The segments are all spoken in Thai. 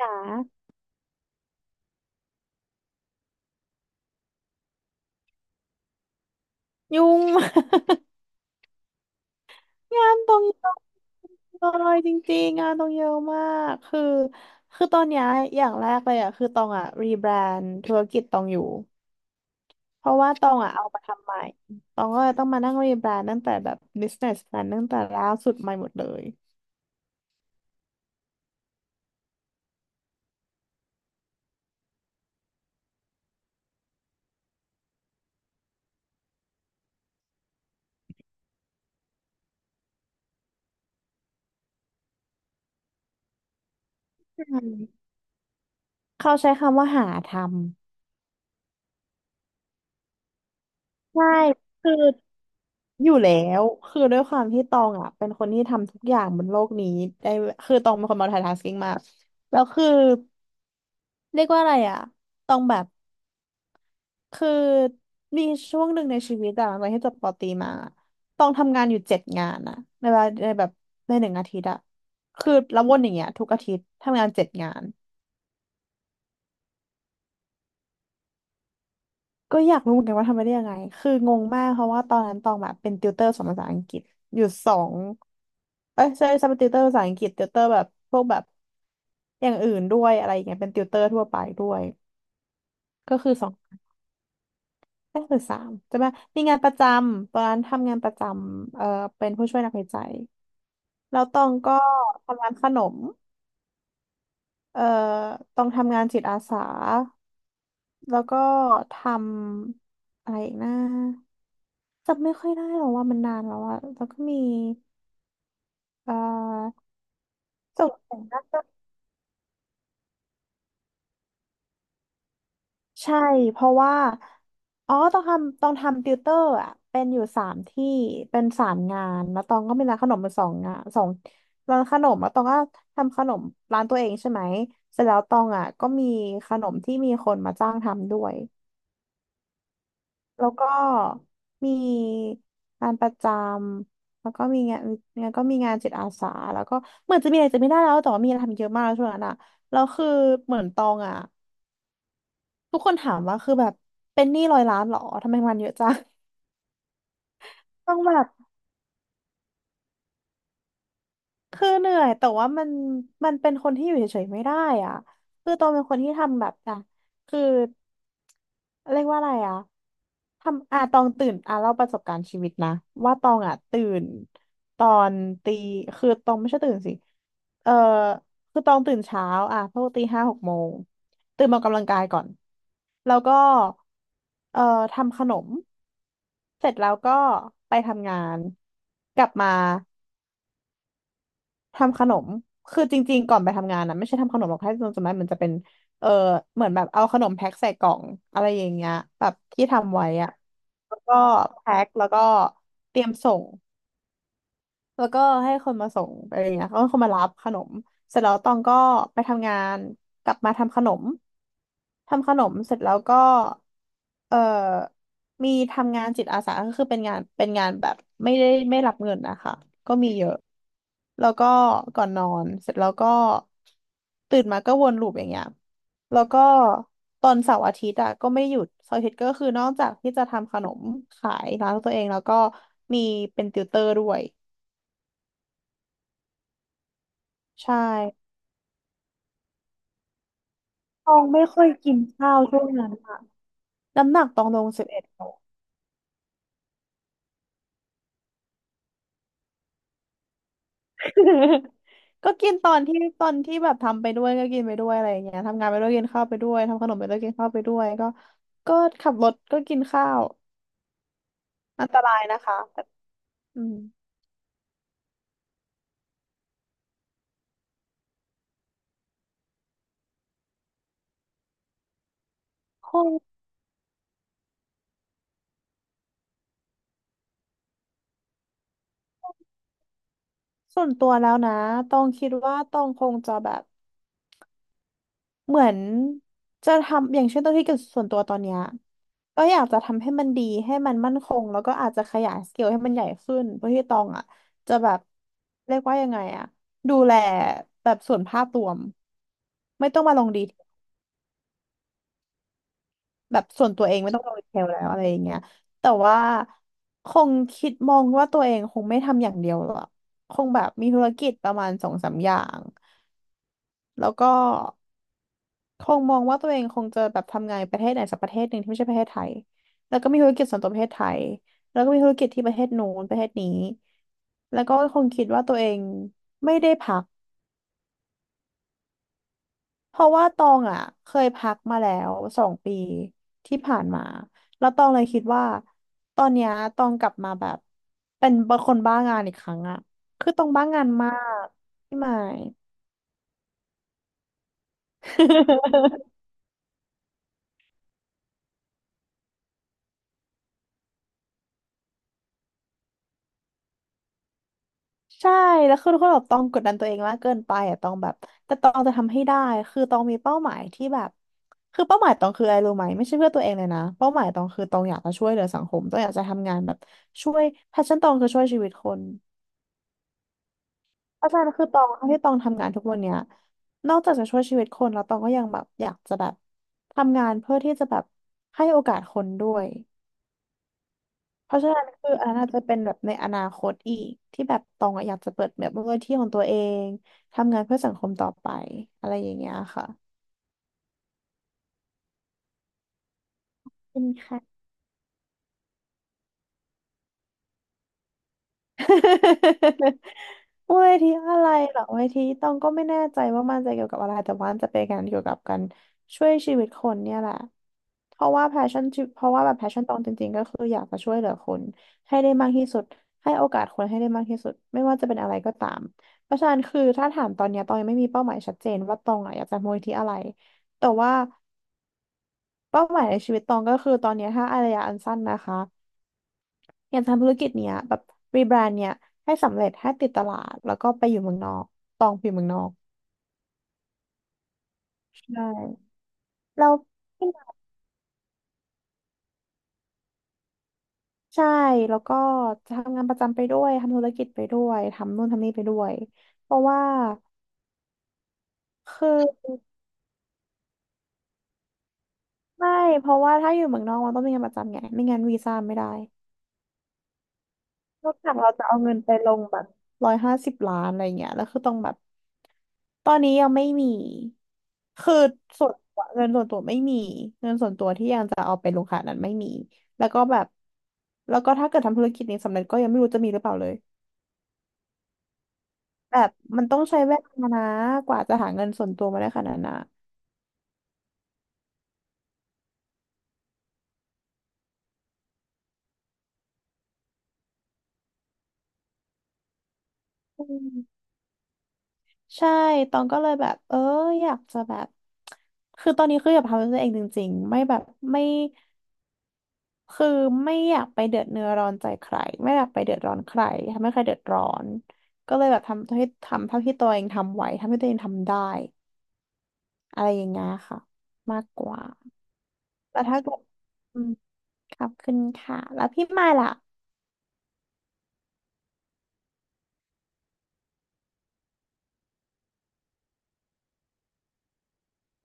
จ๋ายุ่ง มาก งานตรงเยอะมากเลยจริงๆงานตรงเยอะมากคือตอนเนี้ยอย่างแรกเลยอ่ะคือตองอ่ะรีแบรนด์ธุรกิจตองอยู่เพราะว่าตองอ่ะเอามาทำใหม่ตองก็เลยต้องมานั่งรีแบรนด์ตั้งแต่แบบ business plan ตั้งแต่ล่าสุดใหม่หมดเลยอืมเขาใช้คำว่าหาทำใช่คืออยู่แล้วคือด้วยความที่ตองอ่ะเป็นคนที่ทำทุกอย่างบนโลกนี้ได้คือตองเป็นคน multitasking มากแล้วคือ เรียกว่าอะไรอ่ะต้องแบบคือมีช่วงหนึ่งในชีวิตอะหลังจากที่จบปอตรีมาต้องทำงานอยู่เจ็ดงานอะในเวลาในแบบในหนึ่งอาทิตย์อะคือแล้ววนอย่างเงี้ยทุกอาทิตย์ทำงานเจ็ดงานก็อยากรู้เหมือนกันว่าทำไปได้ยังไงคืองงมากเพราะว่าตอนนั้นตองแบบเป็นติวเตอร์สอนภาษาอังกฤษอยู่สองเอ้ยใช่ใช่เป็นติวเตอร์ภาษาอังกฤษติวเตอร์แบบพวกแบบอย่างอื่นด้วยอะไรอย่างเงี้ยเป็นติวเตอร์ทั่วไปด้วยก็คือสอง นักศึกษามจะมามีงานประจำตอนนั้นทำงานประจำเป็นผู้ช่วยนักวิจัยแล้วตองก็ทำงานขนมเอ่อตองทำงานจิตอาสาแล้วก็ทำอะไรอีกนะจำไม่ค่อยได้หรอกว่ามันนานแล้วอะแล้วก็มีเอ่อส่งเสริมด้า ใช่เพราะว่าอ๋อต้องทำติวเตอร์อ่ะเป็นอยู่3 ที่เป็น3 งานแล้วตองก็มีร้านขนมมา2 งานสองร้านขนมแล้วตองก็ทำขนมร้านตัวเองใช่ไหมเสร็จแล้วตองอ่ะก็มีขนมที่มีคนมาจ้างทำด้วยแล้วก็มีงานประจำแล้วก็มีงานงานก็มีงานจิตอาสาแล้วก็เหมือนจะมีอะไรจะไม่ได้แล้วแต่ว่ามีอะไรทำเยอะมากช่วงนั้นอ่ะแล้วคือเหมือนตองอ่ะ ทุกคนถามว่าคือแบบเป็นหนี้100 ล้านเหรอทำไมมันเยอะจัง ต้องแบบคือเหนื่อยแต่ว่ามันมันเป็นคนที่อยู่เฉยๆไม่ได้อ่ะคือตองเป็นคนที่ทำแบบอ่ะคือเรียกว่าอะไรอ่ะทำอ่ะตองตื่นอ่ะเล่าประสบการณ์ชีวิตนะว่าตองอ่ะตื่นตอนตีคือตองไม่ใช่ตื่นสิเออคือตองตื่นเช้าอ่ะพวกตี 56 โมงตื่นมาออกกำลังกายก่อน แล้วก็เอ่อทำขนมเสร็จแล้วก็ไปทำงานกลับมาทำขนมคือจริงๆก่อนไปทำงานนะไม่ใช่ทำขนมหรอกแค่จำได้มันจะเป็นเออเหมือนแบบเอาขนมแพ็คใส่กล่องอะไรอย่างเงี้ยแบบที่ทำไว้อะแล้วก็แพ็คแล้วก็เตรียมส่ง แล้วก็ให้คนมาส่งอะไรอย่างเงี้ยก็คนมารับขนมเสร็จแล้วตองก็ไปทำงาน กลับมาทำขนม ทำขนมเสร็จแล้วก็เอ่อมีทำงานจิตอาสาก็คือเป็นงานแบบไม่ได้ไม่รับเงินนะคะก็มีเยอะแล้วก็ก่อนนอนเสร็จแล้วก็ตื่นมาก็วนลูปอย่างเงี้ยแล้วก็ตอนเสาร์อาทิตย์อะก็ไม่หยุดเสาร์อาทิตย์ก็คือนอกจากที่จะทำขนมขายร้านของตัวเองแล้วก็มีเป็นติวเตอร์ด้วย ใช่ตองไม่ค่อยกินข้าวช่วงนั้นค่ะน้ำหนักตองลง11 โล ก็กินตอนที่ตอนที่แบบทำไปด้วยก็กินไปด้วยอะไรอย่างเงี้ยทำงานไปด้วยกินข้าวไปด้วยทำขนมไปด้วยกินข้าวไปด้วยก็ขับรถก็กินข้าวอันตรายนะคะแต่อืมคงส่วนตัวแล้วนะตองคิดว่าตองคงจะแบบ เหมือนจะทำอย่างเช่นตัวที่เกี่ยวส่วนตัวตอนเนี้ยก็อยากจะทำให้มันดีให้มันมั่นคงแล้วก็อาจจะขยายสเกลให้มันใหญ่ขึ้นเพื่อที่ตองอ่ะจะแบบเรียกว่ายังไงอ่ะดูแลแบบส่วนภาพรวมไม่ต้องมาลงดีเทลแบบส่วนตัวเองไม่ต้องลงดีเทลแล้วอะไรอย่างเงี้ยแต่ว่าคงคิดมองว่าตัวเองคงไม่ทำอย่างเดียวหรอกคงแบบมีธุรกิจประมาณสองสามอย่างแล้วก็ คงมองว่าตัวเองคงจะแบบทำงานประเทศไหนสักประเทศหนึ่งที่ไม่ใช่ประเทศไทยแล้วก็มีธุรกิจส่วนตัวประเทศไทยแล้วก็มีธุรกิจที่ประเทศนู้นประเทศนี้แล้วก็คงคิดว่าตัวเองไม่ได้พักเพราะว่าตองอ่ะเคยพักมาแล้วสองปีที่ผ่านมาแล้วตองเลยคิดว่าตอนเนี้ยตองกลับมาแบบเป็นคนบ้างานอีกครั้งอ่ะคือตองบ้างานมากพี่หมาย ใช่แล้วคือทุกคนแบบต้องกดดันตัวเองมากเกินไปอ่ะต้องแบบแต่ต้องจะทำให้ได้คือต้องมีเป้าหมายที่แบบคือเป้าหมายต้องคืออะไรรู้ไหมไม่ใช่เพื่อตัวเองเลยนะเป้าหมายต้องคือต้องอยากจะช่วยเหลือสังคมต้องอยากจะทำงานแบบช่วยแพชชั่นต้องคือช่วยชีวิตคนอาจารย์คือต้องที่ต้องทำงานทุกวันเนี้ยนอกจากจะช่วยชีวิตคนแล้วต้องก็ยังแบบอยากจะแบบทำงานเพื่อที่จะแบบให้โอกาสคนด้วย เพราะฉะนั้นคืออันนั้นอาจจะเป็นแบบในอนาคตอีกที่แบบตองอะอยากจะเปิดแบบมูลนิธิของตัวเองทำงานเพื่อสังคมต่อไปอะไรอย่างเงี้ยค่ะเป็คณค่ะ เวทีอะไรเหรอเวทีตองก็ไม่แน่ใจว่ามันจะเกี่ยวกับอะไรแต่ว่ามันจะเป็นการเกี่ยวกับการช่วยชีวิตคนเนี่ยแหละเพราะว่าแพชชั่นเพราะว่าแบบแพชชั่นตองจริงๆก็คืออยากจะช่วยเหลือคนให้ได้มากที่สุดให้โอกาสคนให้ได้มากที่สุดไม่ว่าจะเป็นอะไรก็ตามเพราะฉะนั้นคือถ้าถามตอนเนี้ยตองยังไม่มีเป้าหมายชัดเจนว่าตองอะอยากจะมูลที่อะไรแต่ว่าเป้าหมายในชีวิตตองก็คือตอนเนี้ยถ้าระยะอันสั้นนะคะ อยากทำธุรกิจเนี้ยแบบรีแบรนด์เนี้ยให้สำเร็จให้ติดตลาดแล้วก็ไปอยู่เมืองนอกตองไปอยู่เมืองนอกใช่แล้วใช่แล้วก็จะทำงานประจำไปด้วยทำธุรกิจไปด้วยทำนู่นทำนี่ไปด้วยเพราะว่าคือไม่เพราะว่าถ้าอยู่เมืองนอกมันต้องมีงานประจำไงไม่งั้นวีซ่าไม่ได้ นอกจากเราจะเอาเงินไปลงแบบร้อยห้าสิบล้านอะไรเงี้ยแล้วคือต้องแบบตอนนี้ยังไม่มีคือส่วนตัวเงินส่วนตัวไม่มีเงินส่วนตัวที่ยังจะเอาไปลงขนาดนั้นไม่มีแล้วก็แบบแล้วก็ถ้าเกิดทำธุรกิจนี้สำเร็จก็ยังไม่รู้จะมีหรือเปล่าเลยแบบมันต้องใช้เวลานะกว่าจะหาเงินส่วนตัวมาได้ขนาดนั้นนะอืมใช่ตองก็เลยแบบอยากจะแบบคือตอนนี้คืออยากทำด้วยตัวเองจริงๆไม่แบบไม่ คือไม่อยากไปเดือดเนื้อร้อนใจใครไม่อยากไปเดือดร้อนใครทำให้ใครเดือดร้อนก็เลยแบบทำให้ทำเท่าที่ตัวเองทำไหวทำให้ตัวเองทำได้อะไรอย่างเงี้ยค่ะมากกว่าแต่ถ้าเกิดอืมขอบคุณค่ะแล้วพี่มายล่ะ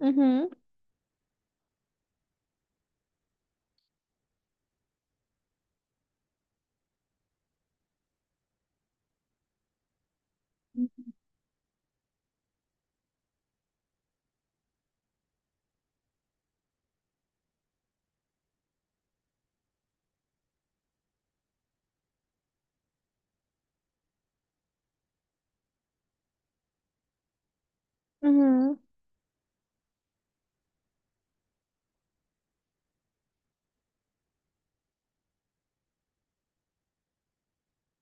อือหืออือหือ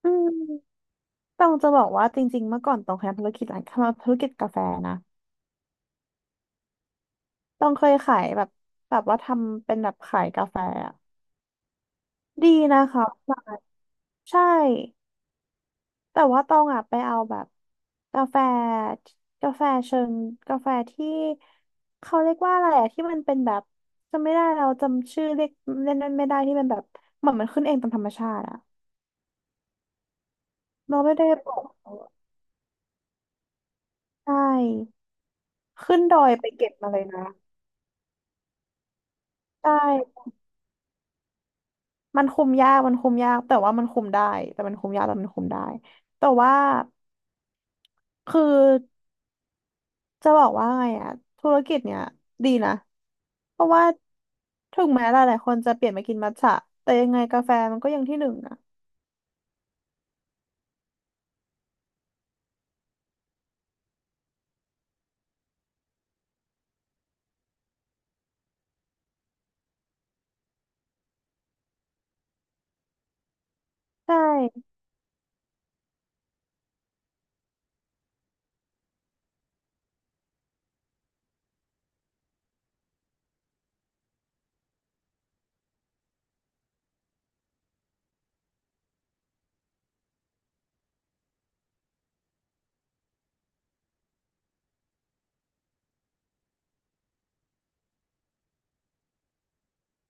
อืมต้องจะบอกว่าจริงๆเมื่อก่อนตองเคยทำธุรกิจร้านทำธุรกิจกาแฟนะต้องเคยขายแบบแบบว่าทำเป็นแบบขายกาแฟอะดีนะคะขายใช่ แต่ว่าตองอ่ะไปเอาแบบกาแฟกาแฟเชิงกาแฟที่เขาเรียกว่าอะไรอะที่มันเป็นแบบจำไม่ได้เราจำชื่อเรียกเล่นนั้นไม่ได้ที่มันแบบเหมือนมันขึ้นเองตามธรรมชาติอะเราไม่ได้ปลูกใช่ขึ้นดอยไปเก็บมาเลยนะใช่มันคุมยากแต่ว่ามันคุมได้แต่มันคุมยากแต่มันคุมได้แต่ว่าคือ จะบอกว่าไงอะธุรกิจเนี่ยดีนะ เพราะว่าถึงแม้หลายๆคนจะเปลี่ยนมากินมัทฉะแต่ยังไงกาแฟมันก็ยังที่หนึ่งนะใช่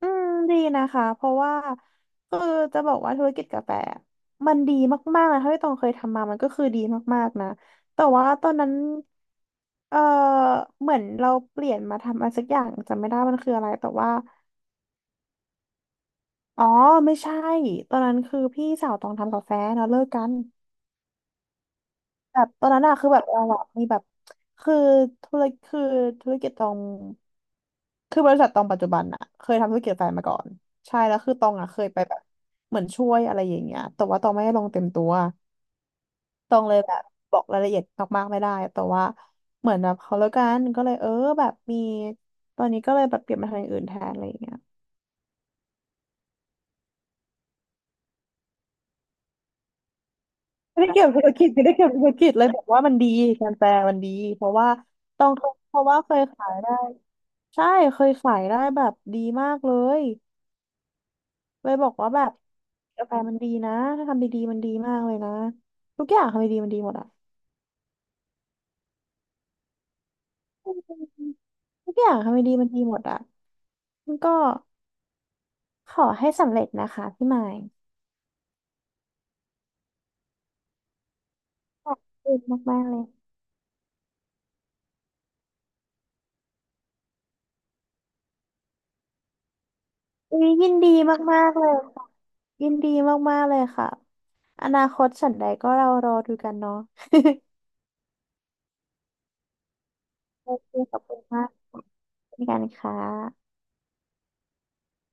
อืมดีนะคะเพราะว่าคือจะบอกว่าธุรกิจกาแฟมันดีมากๆนะเท่าที่ตองเคยทำมามันก็คือดีมากๆนะแต่ว่าตอนนั้นเออเหมือนเราเปลี่ยนมาทำอะไรสักอย่างจำไม่ได้มันคืออะไรแต่ว่าอ๋อไม่ใช่ตอนนั้นคือพี่สาวตองทำกาแฟแล้วเลิกกัน แบบตอนนั้นอะคือแบบเราอะมีแบบคือธุรคือธุรกิจตองคือบริษัทตองปัจจุบันอะเคยทำธุรกิจแฟนมาก่อนใช่แล้วคือตองอะเคยไปแบบเหมือนช่วยอะไรอย่างเงี้ยแต่ว่าตองไม่ได้ลงเต็มตัวตองเลยแบบบอกรายละเอียดมากๆไม่ได้แต่ว่าเหมือนแบบเขาแล้วกันก็เลยแบบมีตอนนี้ก็เลยแบบเปลี่ยนมาทำอย่างอื่นแทนอะไรอย่างเงี้ย ไม่ได้เกี่ยวกับธุรกิจไม่ได้เกี่ยวกับธุรกิจเลยบอกว่ามันดีการแปลมันดีเพราะว่าต้องเพราะว่าเคยขายได้ใช่เคยขายได้แบบดีมากเลยเลยบอกว่าแบบกาแฟมันดีนะถ้าทำดีๆมันดีมากเลยนะทุกอย่างทำดีๆมันดีหมดอ่ะอืมทุกอย่างทำดีๆมันดีหมดอ่ะมันก็ขอให้สำเร็จนะคะพี่หมายขอบคุณมากๆเลยอุ๊ยยินดีมากๆเลยค่ะยินดีมากๆเลยค่ะอนาคตฉันใดก็เรารอดูกันเนาะ โอเคขอบคุณมากเช่นกันค่ะ